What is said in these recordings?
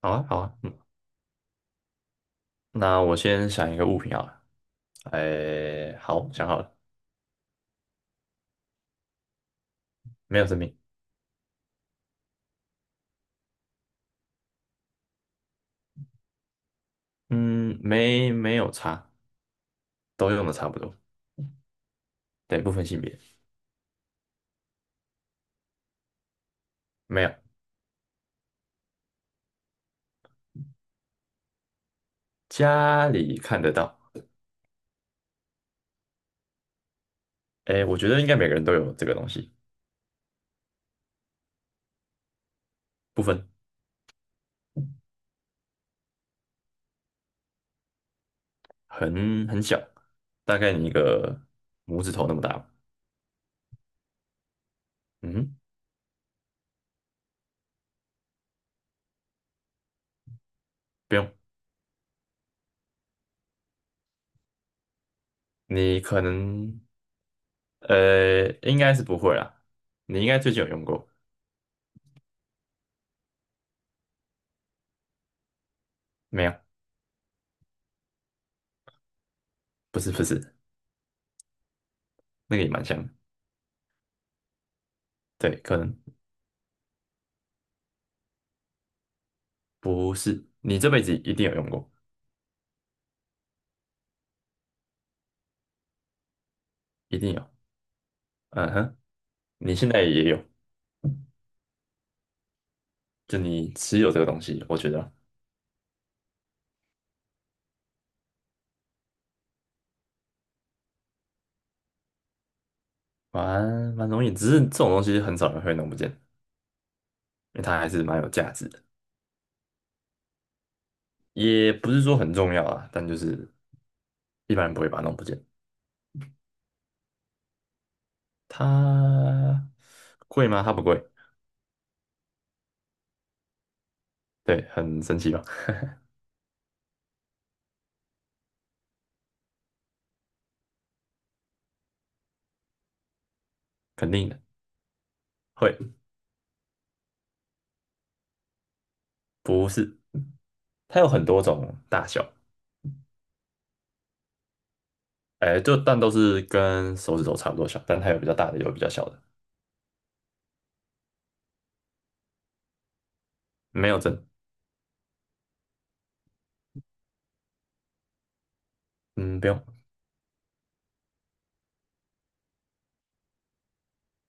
好啊，好啊，嗯，那我先想一个物品好了。哎，好，想好了。没有生命。嗯，没有差，都用的差不多。对，不分性别。没有。家里看得到。哎，我觉得应该每个人都有这个东西。不分。很小，大概你一个拇指头那么大吧。嗯哼。不用。你可能，应该是不会啦，你应该最近有用过。没有？不是不是。那个也蛮像的，对，可能。不是，你这辈子一定有用过，一定有。嗯哼。你现在也有，就你持有这个东西，我觉得。蛮蛮容易，只是这种东西很少人会弄不见，因为它还是蛮有价值的。也不是说很重要啊，但就是一般人不会把它弄不见。它贵吗？它不贵。对，很神奇吧？肯定的，会。不是，它有很多种大小。哎，就但都是跟手指头差不多小，但它有比较大的，有比较小的。没有针。嗯，不用。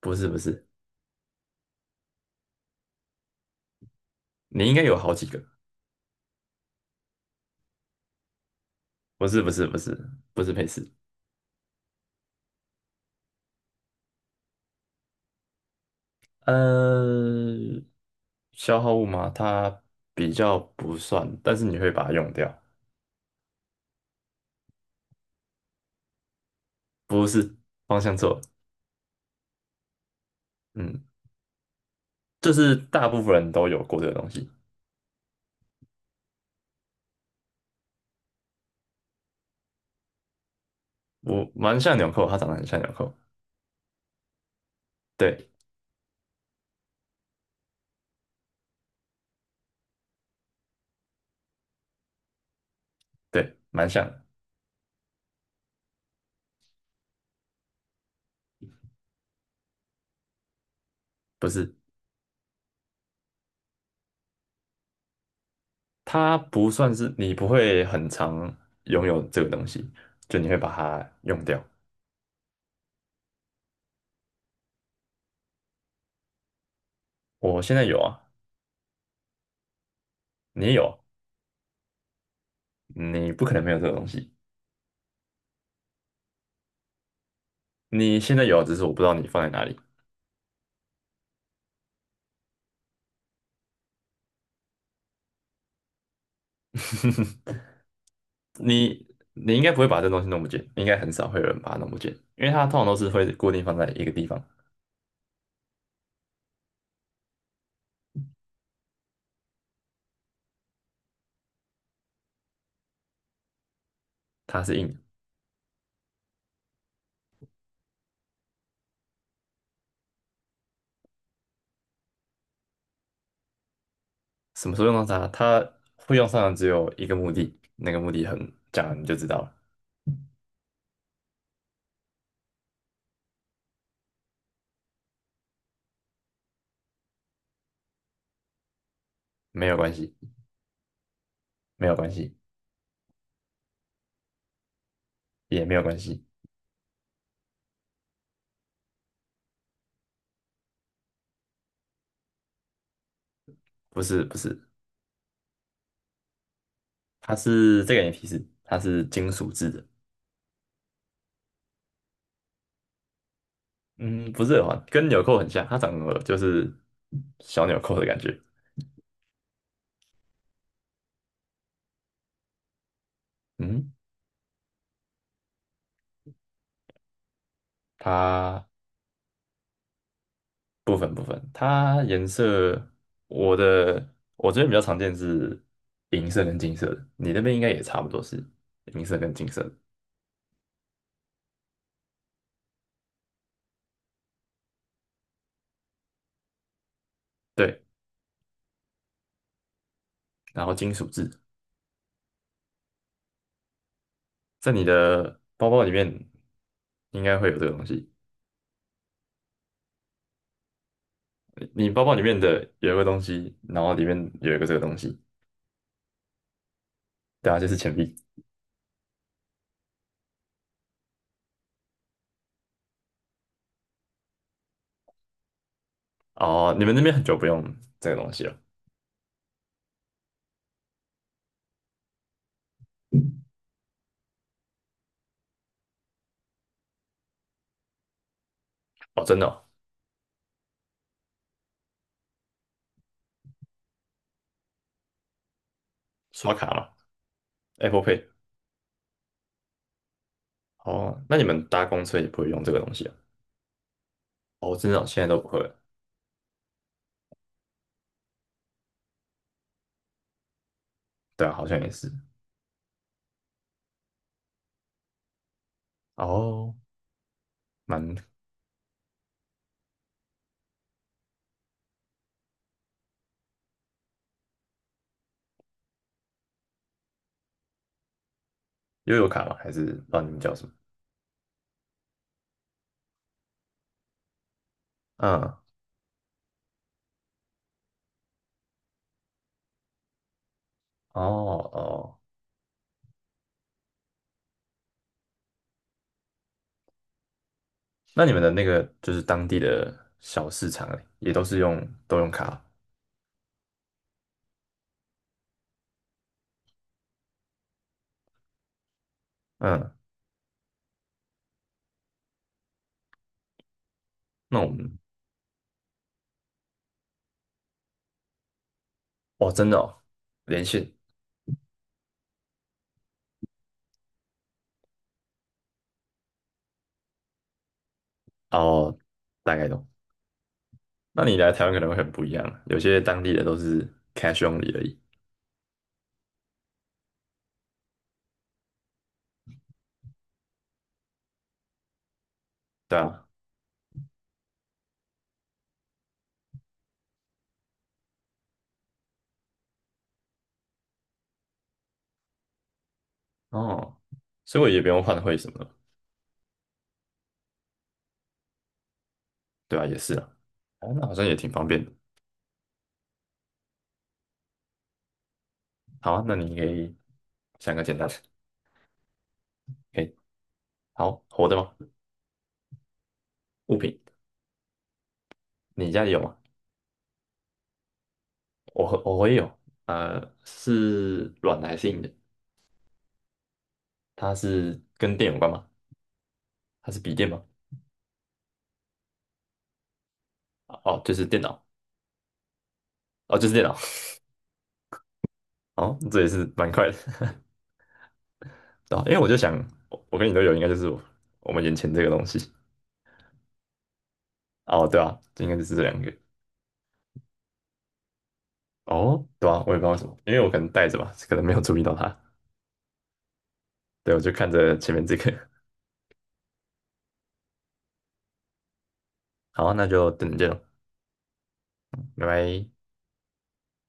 不是不是。你应该有好几个。不是不是不是不是配饰。呃，消耗物嘛，它比较不算，但是你会把它用掉。不是，方向错了。嗯，就是大部分人都有过这个东西。我蛮像纽扣，它长得很像纽扣。对对，蛮像的。不是，它不算是你不会很常拥有这个东西，就你会把它用掉。我现在有啊。你也有啊，你不可能没有这个东西。你现在有啊，只是我不知道你放在哪里。你你应该不会把这东西弄不见，应该很少会有人把它弄不见，因为它通常都是会固定放在一个地方。它是硬的。什么时候用到它？它会用上的只有一个目的，那个目的很，讲了你就知道了。没有关系。没有关系。也没有关系。不是不是，它是这个给你提示，它是金属制的。嗯，不是耳环，跟纽扣很像，它长得就是小纽扣的感觉。嗯，它部分部分，它颜色。我的我这边比较常见是银色跟金色的，你那边应该也差不多是银色跟金色的。对，然后金属质在你的包包里面应该会有这个东西。你包包里面的有一个东西，然后里面有一个这个东西。对啊，就是钱币。哦，你们那边很久不用这个东西了。哦，真的哦。刷卡嘛，Apple Pay。哦，那你们搭公车也不会用这个东西啊？哦，真的哦，现在都不会了。对啊，好像也是。哦，蛮。悠游卡吗？还是不知道你们叫什么？嗯，哦。哦，那你们的那个就是当地的小市场欸，也都是用，都用卡？嗯，那我们。哦，真的哦，连线。哦，大概懂。那你来台湾可能会很不一样，有些当地的都是 cash only 而已。对啊。哦，所以我也不用换汇什么的。对吧？也是啊。哦，那好像也挺方便的。好啊，那你可以想个简单的。可以。好，活的吗？物品。你家里有吗？我我也有。呃，是软的还是硬的？它是跟电有关吗？它是笔电吗？哦，就是电脑。哦，就是电脑。哦，这也是蛮快的。对啊，因为我就想，我跟你都有，应该就是我们眼前这个东西。哦，对啊，应该就是这两个。哦，对啊，我也不知道为什么，因为我可能戴着吧，可能没有注意到它。对，我就看着前面这个。好，那就等着见咯，拜拜。